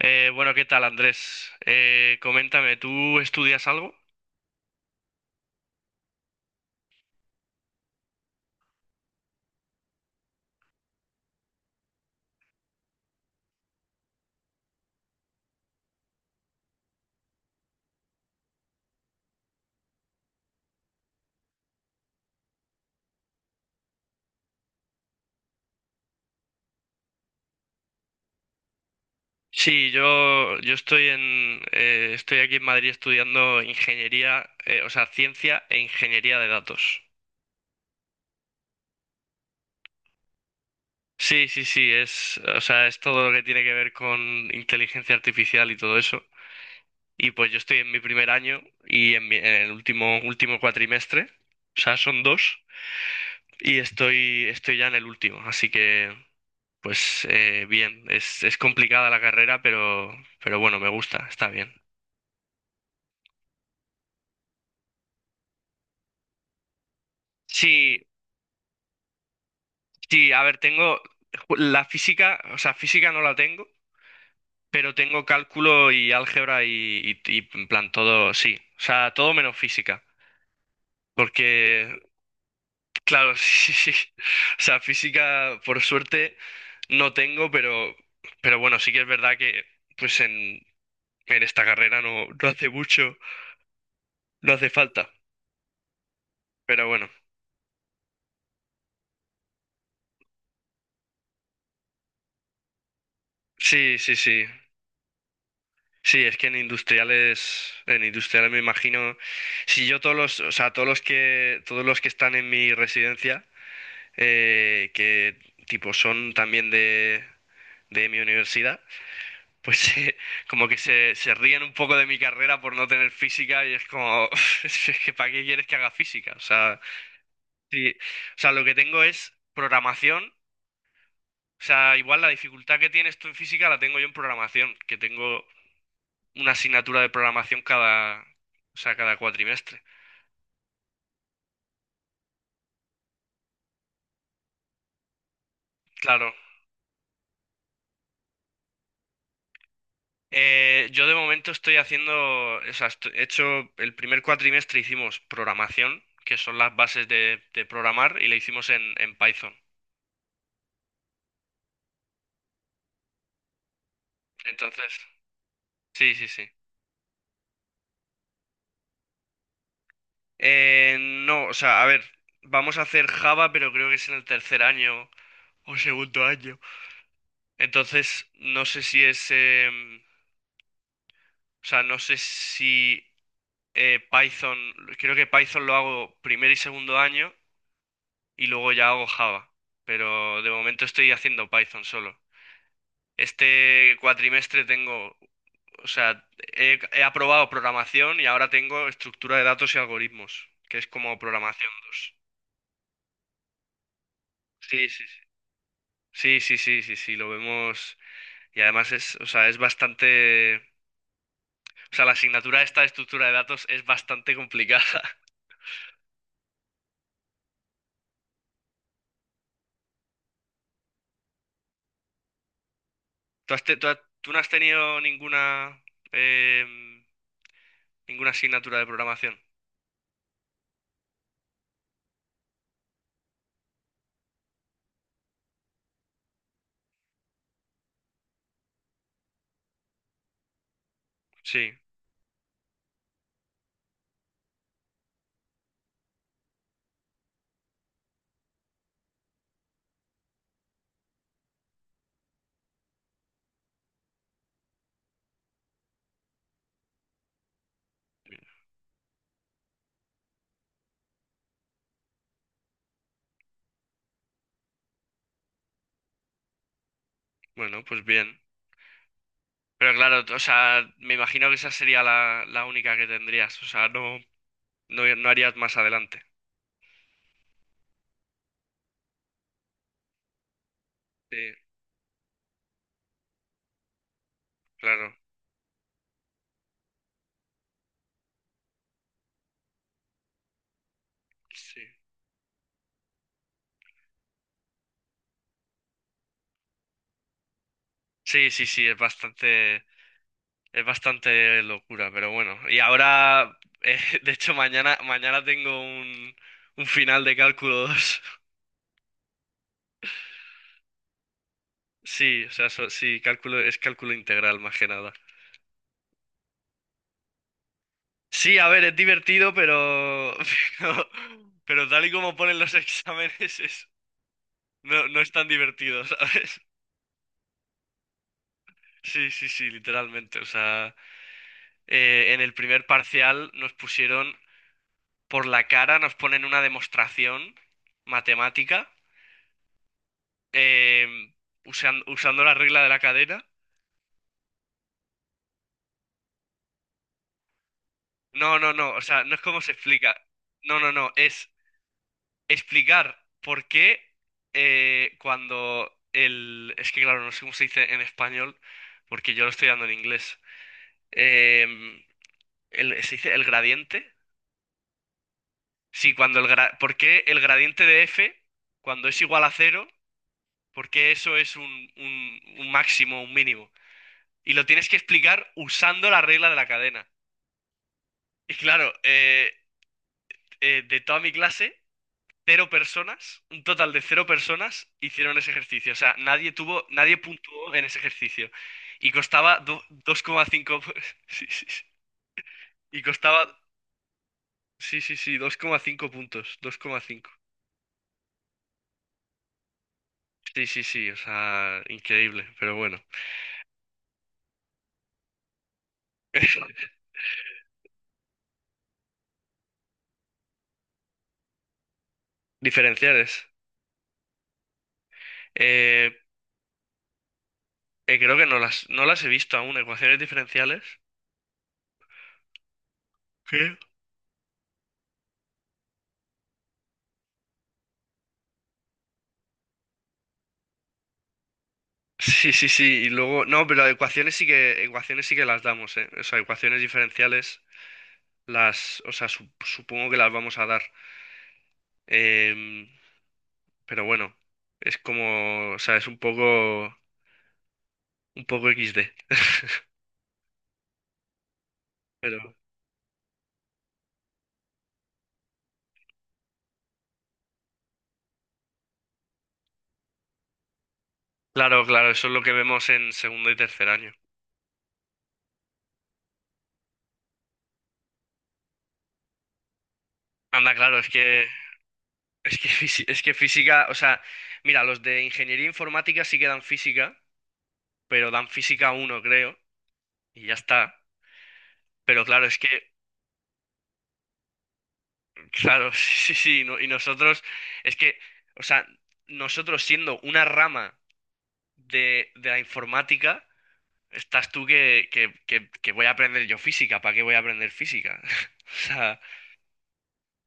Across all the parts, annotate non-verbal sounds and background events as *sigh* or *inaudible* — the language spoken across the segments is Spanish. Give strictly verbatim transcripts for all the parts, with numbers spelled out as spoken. Eh, bueno, ¿qué tal, Andrés? Eh, coméntame, ¿tú estudias algo? Sí, yo, yo estoy en, eh, estoy aquí en Madrid estudiando ingeniería, eh, o sea, ciencia e ingeniería de datos. Sí, sí, sí, es, o sea, es todo lo que tiene que ver con inteligencia artificial y todo eso. Y pues yo estoy en mi primer año y en, mi- en el último, último cuatrimestre, o sea, son dos, y estoy, estoy ya en el último, así que... Pues eh, bien, es, es complicada la carrera, pero, pero bueno, me gusta, está bien. Sí, sí, a ver, tengo ju- la física, o sea, física no la tengo, pero tengo cálculo y álgebra y, y, y en plan todo, sí, o sea, todo menos física, porque, claro. *laughs* Sí, sí, o sea, física por suerte no tengo, pero, pero bueno, sí que es verdad que pues en, en esta carrera no, no hace mucho, no hace falta, pero bueno, sí, sí, sí. Sí, es que en industriales, en industriales me imagino, si yo todos los, o sea, todos los que, todos los que están en mi residencia, eh, que tipo son también de, de mi universidad, pues *laughs* eh, como que se, se ríen un poco de mi carrera por no tener física y es como, *laughs* es que ¿para qué quieres que haga física? O sea, sí, o sea, lo que tengo es programación, o sea, igual la dificultad que tienes tú en física la tengo yo en programación, que tengo una asignatura de programación cada, o sea, cada cuatrimestre. Claro. Eh, yo de momento estoy haciendo, o sea, esto- he hecho el primer cuatrimestre, hicimos programación, que son las bases de, de programar, y le hicimos en, en Python. Entonces, sí, sí, sí. Eh, no, o sea, a ver, vamos a hacer Java, pero creo que es en el tercer año o segundo año. Entonces, no sé si es, em, o sea, no sé si eh, Python, creo que Python lo hago primer y segundo año. Y luego ya hago Java, pero de momento estoy haciendo Python solo. Este cuatrimestre tengo, o sea, he, he aprobado programación y ahora tengo estructura de datos y algoritmos, que es como programación dos. Sí, sí, sí. Sí, sí, sí, sí, sí, lo vemos. Y además es, o sea, es bastante, o sea, la asignatura esta de estructura de datos es bastante complicada. *laughs* ¿Tú has te- tú, has- tú no has tenido ninguna, em, ninguna asignatura de programación? Sí, bueno, pues bien. Pero claro, o sea, me imagino que esa sería la, la única que tendrías. O sea, no, no, no harías más adelante. Sí, claro. Sí. Sí, sí, sí, es bastante, es bastante locura, pero bueno. Y ahora, eh, *laughs* de hecho, mañana, mañana tengo un, un final de cálculo dos. *laughs* Sí, o sea, so- sí, cálculo, es cálculo integral más que nada. Sí, a ver, es divertido, pero, *laughs* pero, pero tal y como ponen los *laughs* exámenes, es, no, no es tan divertido, ¿sabes? Sí, sí, sí, literalmente. O sea, eh, en el primer parcial nos pusieron por la cara, nos ponen una demostración matemática, eh, usan- usando la regla de la cadena. No, no, no, o sea, no es como se explica. No, no, no, es explicar por qué, eh, cuando el... Es que claro, no sé cómo se dice en español, porque yo lo estoy dando en inglés. Em, el, ¿Se dice el gradiente? Sí, cuando el gra- ¿por qué el gradiente de f, cuando es igual a cero, por qué eso es un, un- un máximo, un mínimo? Y lo tienes que explicar usando la regla de la cadena. Y claro, eh, eh, de toda mi clase, cero personas, un total de cero personas hicieron ese ejercicio. O sea, nadie tuvo, nadie puntuó en ese ejercicio. Y costaba do- dos coma cinco... pu- *laughs* sí, sí, sí. Y costaba... Sí, sí, sí, dos coma cinco puntos, dos coma cinco. Sí, sí, sí, o sea, increíble, pero bueno. *laughs* Diferenciales. Eh, eh, Creo que no las, no las he visto aún. Ecuaciones diferenciales. Qué. Sí, sí, sí. Y luego. No, pero ecuaciones sí que. Ecuaciones sí que las damos, eh. O sea, ecuaciones diferenciales las. O sea, sup- supongo que las vamos a dar. Em, pero bueno. Es como. O sea, es un poco. Un poco equis de. Pero. Claro, claro, eso es lo que vemos en segundo y tercer año. Anda, claro, es que. Es que, fisi- es que física. O sea, mira, los de ingeniería informática sí que dan física. Pero dan física uno, creo, y ya está. Pero claro, es que, claro. *laughs* Sí, sí, no- y nosotros, es que, o sea, nosotros siendo una rama de, de la informática, estás tú que, que, que, que voy a aprender yo física, ¿para qué voy a aprender física? *laughs* O sea,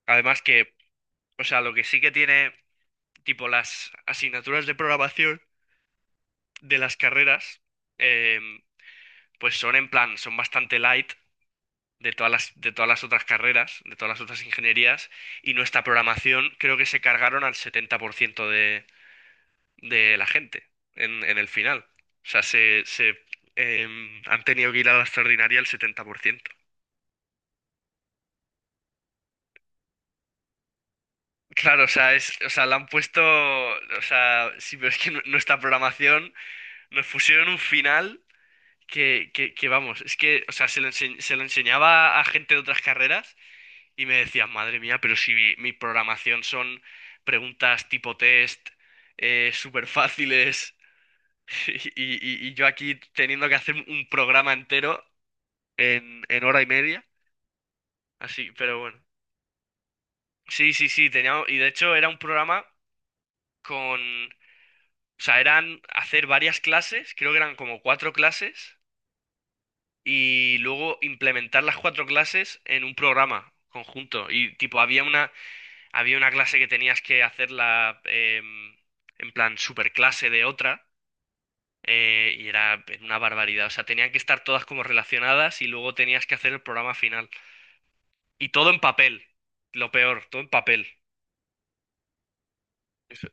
además que, o sea, lo que sí que tiene, tipo, las asignaturas de programación de las carreras, em, pues son en plan, son bastante light de todas las, de todas las otras carreras, de todas las otras ingenierías, y nuestra programación creo que se cargaron al setenta por ciento de, de la gente en, en el final. O sea, se, se, em, han tenido que ir a la extraordinaria el setenta por ciento. Claro, o sea, es, o sea, la han puesto, o sea, sí, pero es que nu- nuestra programación nos pusieron un final que, que, que vamos, es que, o sea, se lo, ense- se lo enseñaba a gente de otras carreras. Y me decías, madre mía, pero si mi, mi programación son preguntas tipo test, eh, súper fáciles. *laughs* y, y- y yo aquí teniendo que hacer un programa entero en, en hora y media. Así, pero bueno. Sí, sí, sí, tenía, y de hecho era un programa con, o sea, eran hacer varias clases, creo que eran como cuatro clases, y luego implementar las cuatro clases en un programa conjunto. Y tipo, había una Había una clase que tenías que hacerla, em, en plan superclase de otra, eh, y era una barbaridad. O sea, tenían que estar todas como relacionadas y luego tenías que hacer el programa final. Y todo en papel, lo peor, todo en papel. Eso-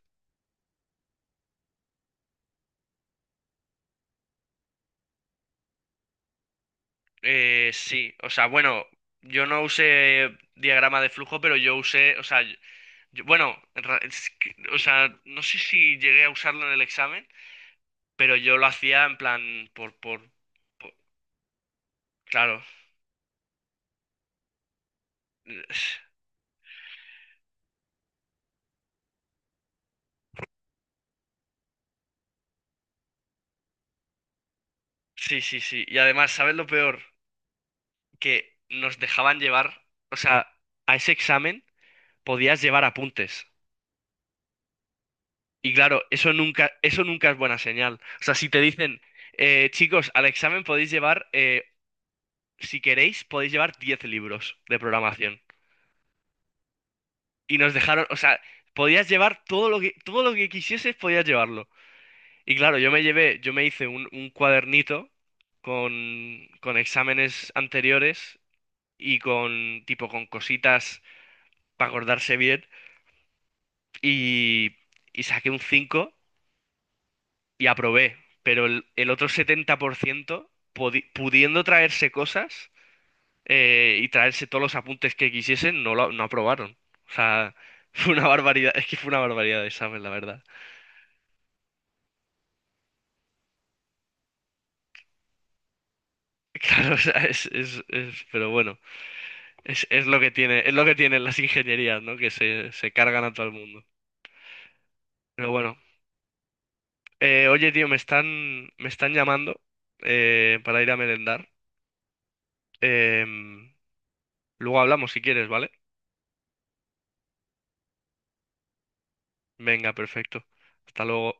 Eh, sí, o sea, bueno, yo no usé diagrama de flujo, pero yo usé, o sea, yo- yo- bueno, en ra- es que- o sea, no sé si llegué a usarlo en el examen, pero yo lo hacía en plan por, por por- claro. Sí, sí, sí. Y además, ¿sabes lo peor? Que nos dejaban llevar, o sea, a ese examen podías llevar apuntes. Y claro, eso nunca, eso nunca es buena señal. O sea, si te dicen, eh, chicos, al examen podéis llevar, eh, si queréis, podéis llevar diez libros de programación. Y nos dejaron, o sea, podías llevar todo lo que, todo lo que quisieses, podías llevarlo. Y claro, yo me llevé, yo me hice un, un cuadernito con, con exámenes anteriores y con, tipo, con cositas para acordarse bien, y, y saqué un cinco y aprobé, pero el, el otro setenta por ciento, podi- pudiendo traerse cosas, eh, y traerse todos los apuntes que quisiesen, no lo, no aprobaron. O sea, *laughs* fue una barbaridad, es que fue una barbaridad de examen, la verdad. *laughs* Claro, o sea, es, es, es- pero bueno, es, es lo que tiene, es lo que tienen las ingenierías, ¿no? Que se, se cargan a todo el mundo. Pero bueno, eh, oye, tío, me están, me están llamando, eh, para ir a merendar. Em, Luego hablamos si quieres, ¿vale? Venga, perfecto. Hasta luego.